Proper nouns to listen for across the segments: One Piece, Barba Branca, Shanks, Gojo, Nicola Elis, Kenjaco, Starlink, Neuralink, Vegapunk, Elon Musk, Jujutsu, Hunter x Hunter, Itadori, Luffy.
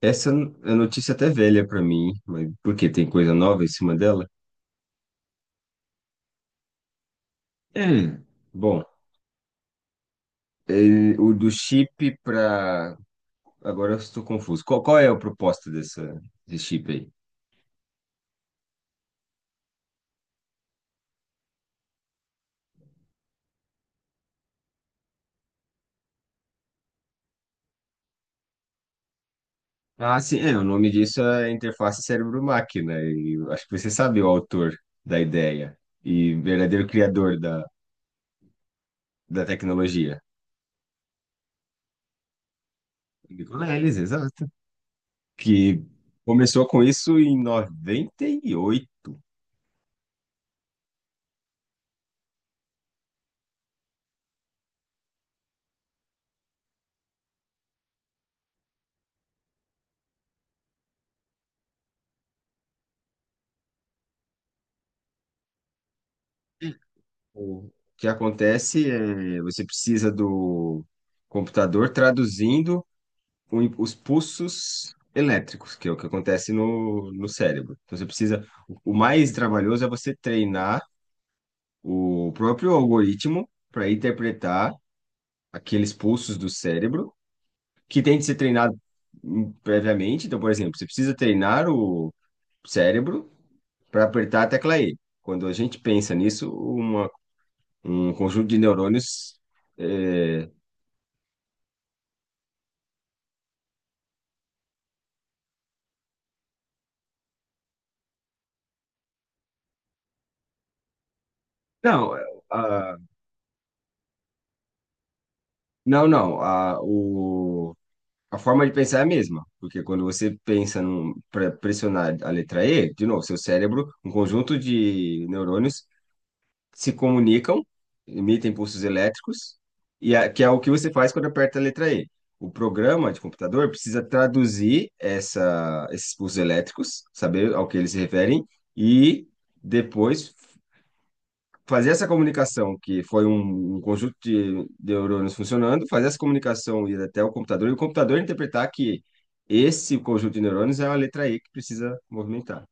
Essa é notícia até velha para mim, mas porque tem coisa nova em cima dela? É. Bom, o do chip para. Agora eu estou confuso. Qual é a proposta desse chip aí? Ah, sim, é, o nome disso é interface cérebro-máquina, e eu acho que você sabe o autor da ideia e verdadeiro criador da tecnologia. Nicola Elis, exato. Que começou com isso em 98. O que acontece é você precisa do computador traduzindo os pulsos elétricos, que é o que acontece no cérebro. Então você precisa, o mais trabalhoso é você treinar o próprio algoritmo para interpretar aqueles pulsos do cérebro, que tem de ser treinado previamente. Então, por exemplo, você precisa treinar o cérebro para apertar a tecla E. Quando a gente pensa nisso, um conjunto de neurônios eh, Não, é, ah, não, não. A forma de pensar é a mesma, porque quando você pensa para pressionar a letra E, de novo, seu cérebro, um conjunto de neurônios se comunicam, emitem pulsos elétricos, que é o que você faz quando aperta a letra E. O programa de computador precisa traduzir esses pulsos elétricos, saber ao que eles se referem, e depois fazer essa comunicação, que foi um conjunto de neurônios funcionando, fazer essa comunicação ir até o computador e o computador interpretar que esse conjunto de neurônios é uma letra E que precisa movimentar.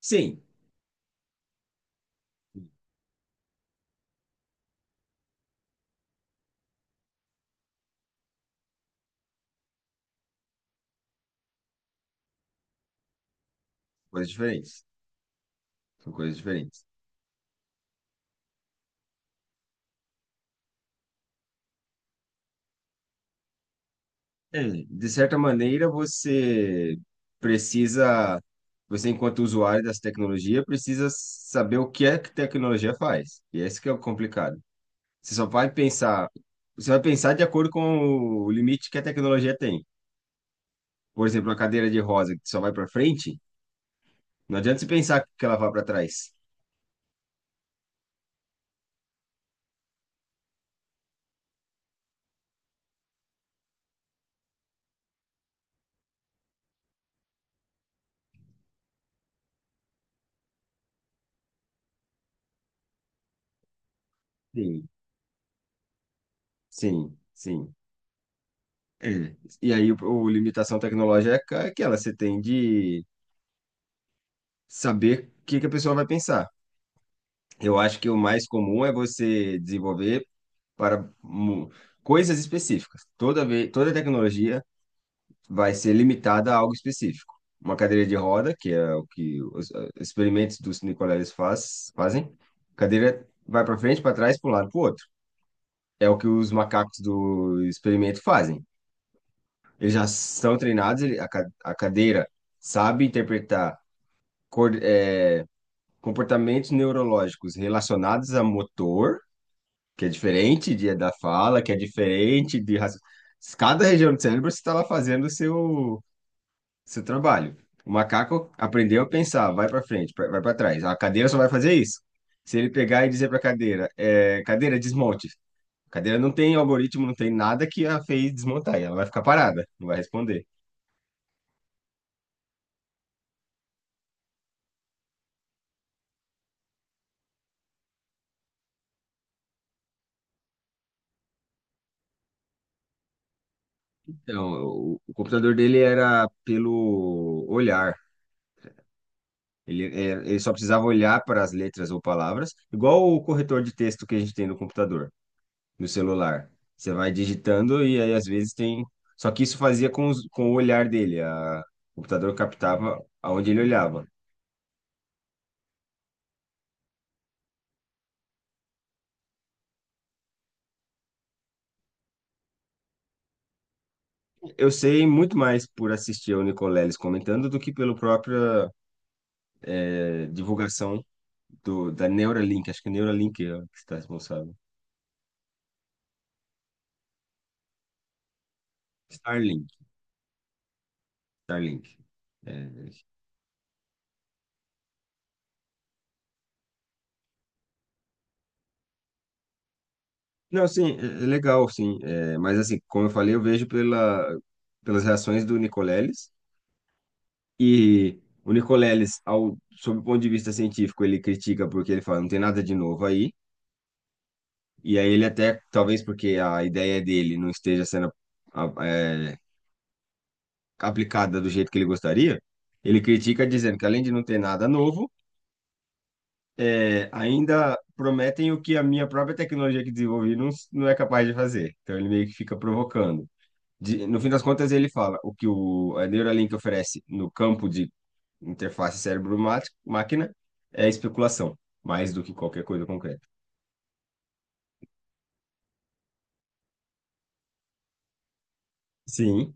Sim, coisas diferentes. São coisas diferentes. É, de certa maneira, você precisa, você enquanto usuário dessa tecnologia, precisa saber o que é que a tecnologia faz. E esse que é o complicado. Você só vai pensar, você vai pensar de acordo com o limite que a tecnologia tem. Por exemplo, uma cadeira de rosa que só vai para frente, não adianta você pensar que ela vai para trás. Sim, sim, sim. É. E aí, o limitação tecnológica é aquela, você tem de saber o que que a pessoa vai pensar. Eu acho que o mais comum é você desenvolver para mu- coisas específicas. Toda tecnologia vai ser limitada a algo específico. Uma cadeira de roda, que é o que os experimentos dos Nicoleles fazem, cadeira vai para frente, para trás, para um lado, para o outro. É o que os macacos do experimento fazem. Eles já são treinados, a cadeira sabe interpretar cor- é, comportamentos neurológicos relacionados a motor, que é diferente da fala, que é diferente de Cada região do cérebro está lá fazendo o seu trabalho. O macaco aprendeu a pensar, vai para frente, vai para trás. A cadeira só vai fazer isso. Se ele pegar e dizer para a cadeira, é, cadeira, desmonte. A cadeira não tem algoritmo, não tem nada que a fez desmontar. E ela vai ficar parada, não vai responder. Então, o computador dele era pelo olhar. Ele, é, ele só precisava olhar para as letras ou palavras, igual o corretor de texto que a gente tem no computador, no celular. Você vai digitando e aí às vezes tem. Só que isso fazia com, com o olhar dele. A, o computador captava aonde ele olhava. Eu sei muito mais por assistir ao Nicoleles comentando do que pela própria divulgação da Neuralink, acho que é Neuralink é que está responsável. Starlink, Starlink. É, não, sim, é legal, sim. É, mas assim, como eu falei, eu vejo pela, pelas reações do Nicoleles. E o Nicoleles, ao, sob o ponto de vista científico, ele critica porque ele fala, não tem nada de novo aí. E aí ele até, talvez porque a ideia dele não esteja sendo a- é, aplicada do jeito que ele gostaria, ele critica dizendo que além de não ter nada novo, é, ainda prometem o que a minha própria tecnologia que desenvolvi não é capaz de fazer. Então ele meio que fica provocando. No fim das contas, ele fala o que a Neuralink oferece no campo de interface cérebro-máquina é especulação, mais do que qualquer coisa concreta. Sim.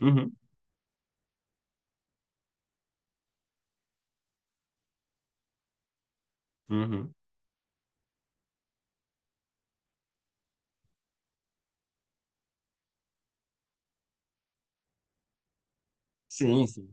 Uhum. Uhum. Sim, sim.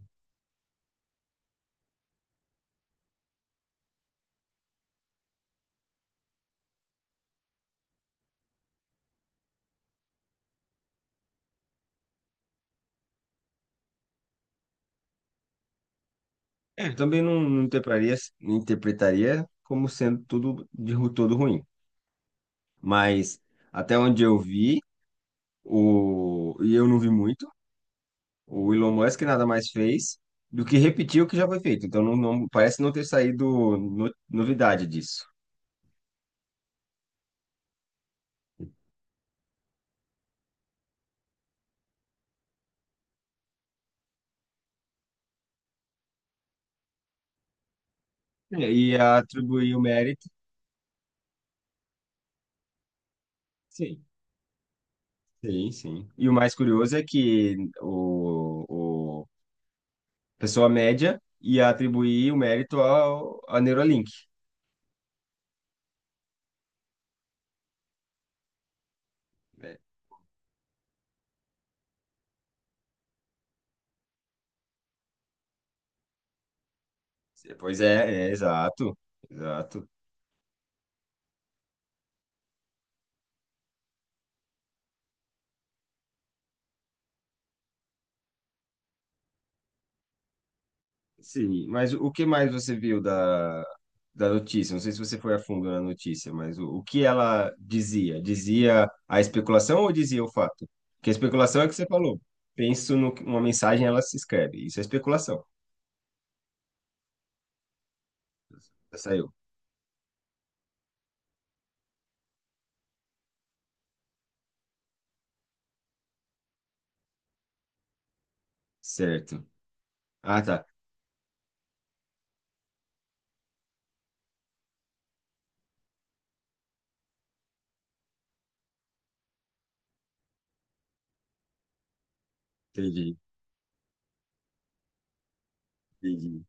É, eu também não interpretaria como sendo todo ruim. Mas até onde eu vi, o, e eu não vi muito, o Elon Musk nada mais fez do que repetir o que já foi feito. Então, parece não ter saído novidade disso. É, e atribuir o mérito. Sim. Sim, sim. E o mais curioso é que o a pessoa média ia atribuir o mérito a Neuralink. Né? Pois é, é exato, exato. Sim, mas o que mais você viu da notícia? Não sei se você foi a fundo na notícia, mas o que ela dizia? Dizia a especulação ou dizia o fato? Porque a especulação é que você falou. Penso numa mensagem, ela se escreve. Isso é especulação. Já saiu. Certo. Ah, tá. Entendi. Entendi.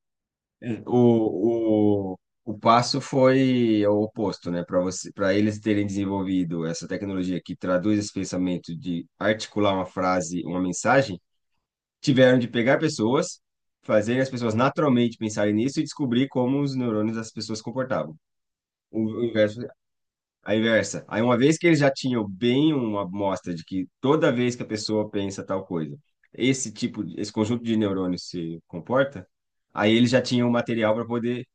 É. O passo foi o oposto, né? Para eles terem desenvolvido essa tecnologia que traduz esse pensamento de articular uma frase, uma mensagem tiveram de pegar pessoas, fazer as pessoas naturalmente pensarem nisso e descobrir como os neurônios das pessoas se comportavam. O inverso, a inversa. Aí, uma vez que eles já tinham bem uma amostra de que toda vez que a pessoa pensa tal coisa, esse conjunto de neurônios se comporta, aí eles já tinham o material para poder.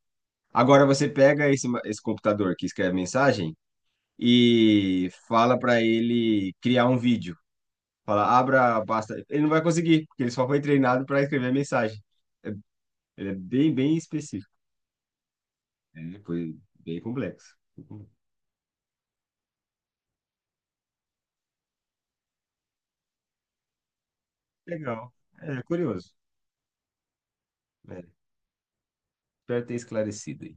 Agora você pega esse computador que escreve mensagem e fala para ele criar um vídeo. Fala, abra, basta. Ele não vai conseguir, porque ele só foi treinado para escrever mensagem. Ele é bem, bem específico. É, foi bem complexo. Legal. É curioso. É, espero ter esclarecido.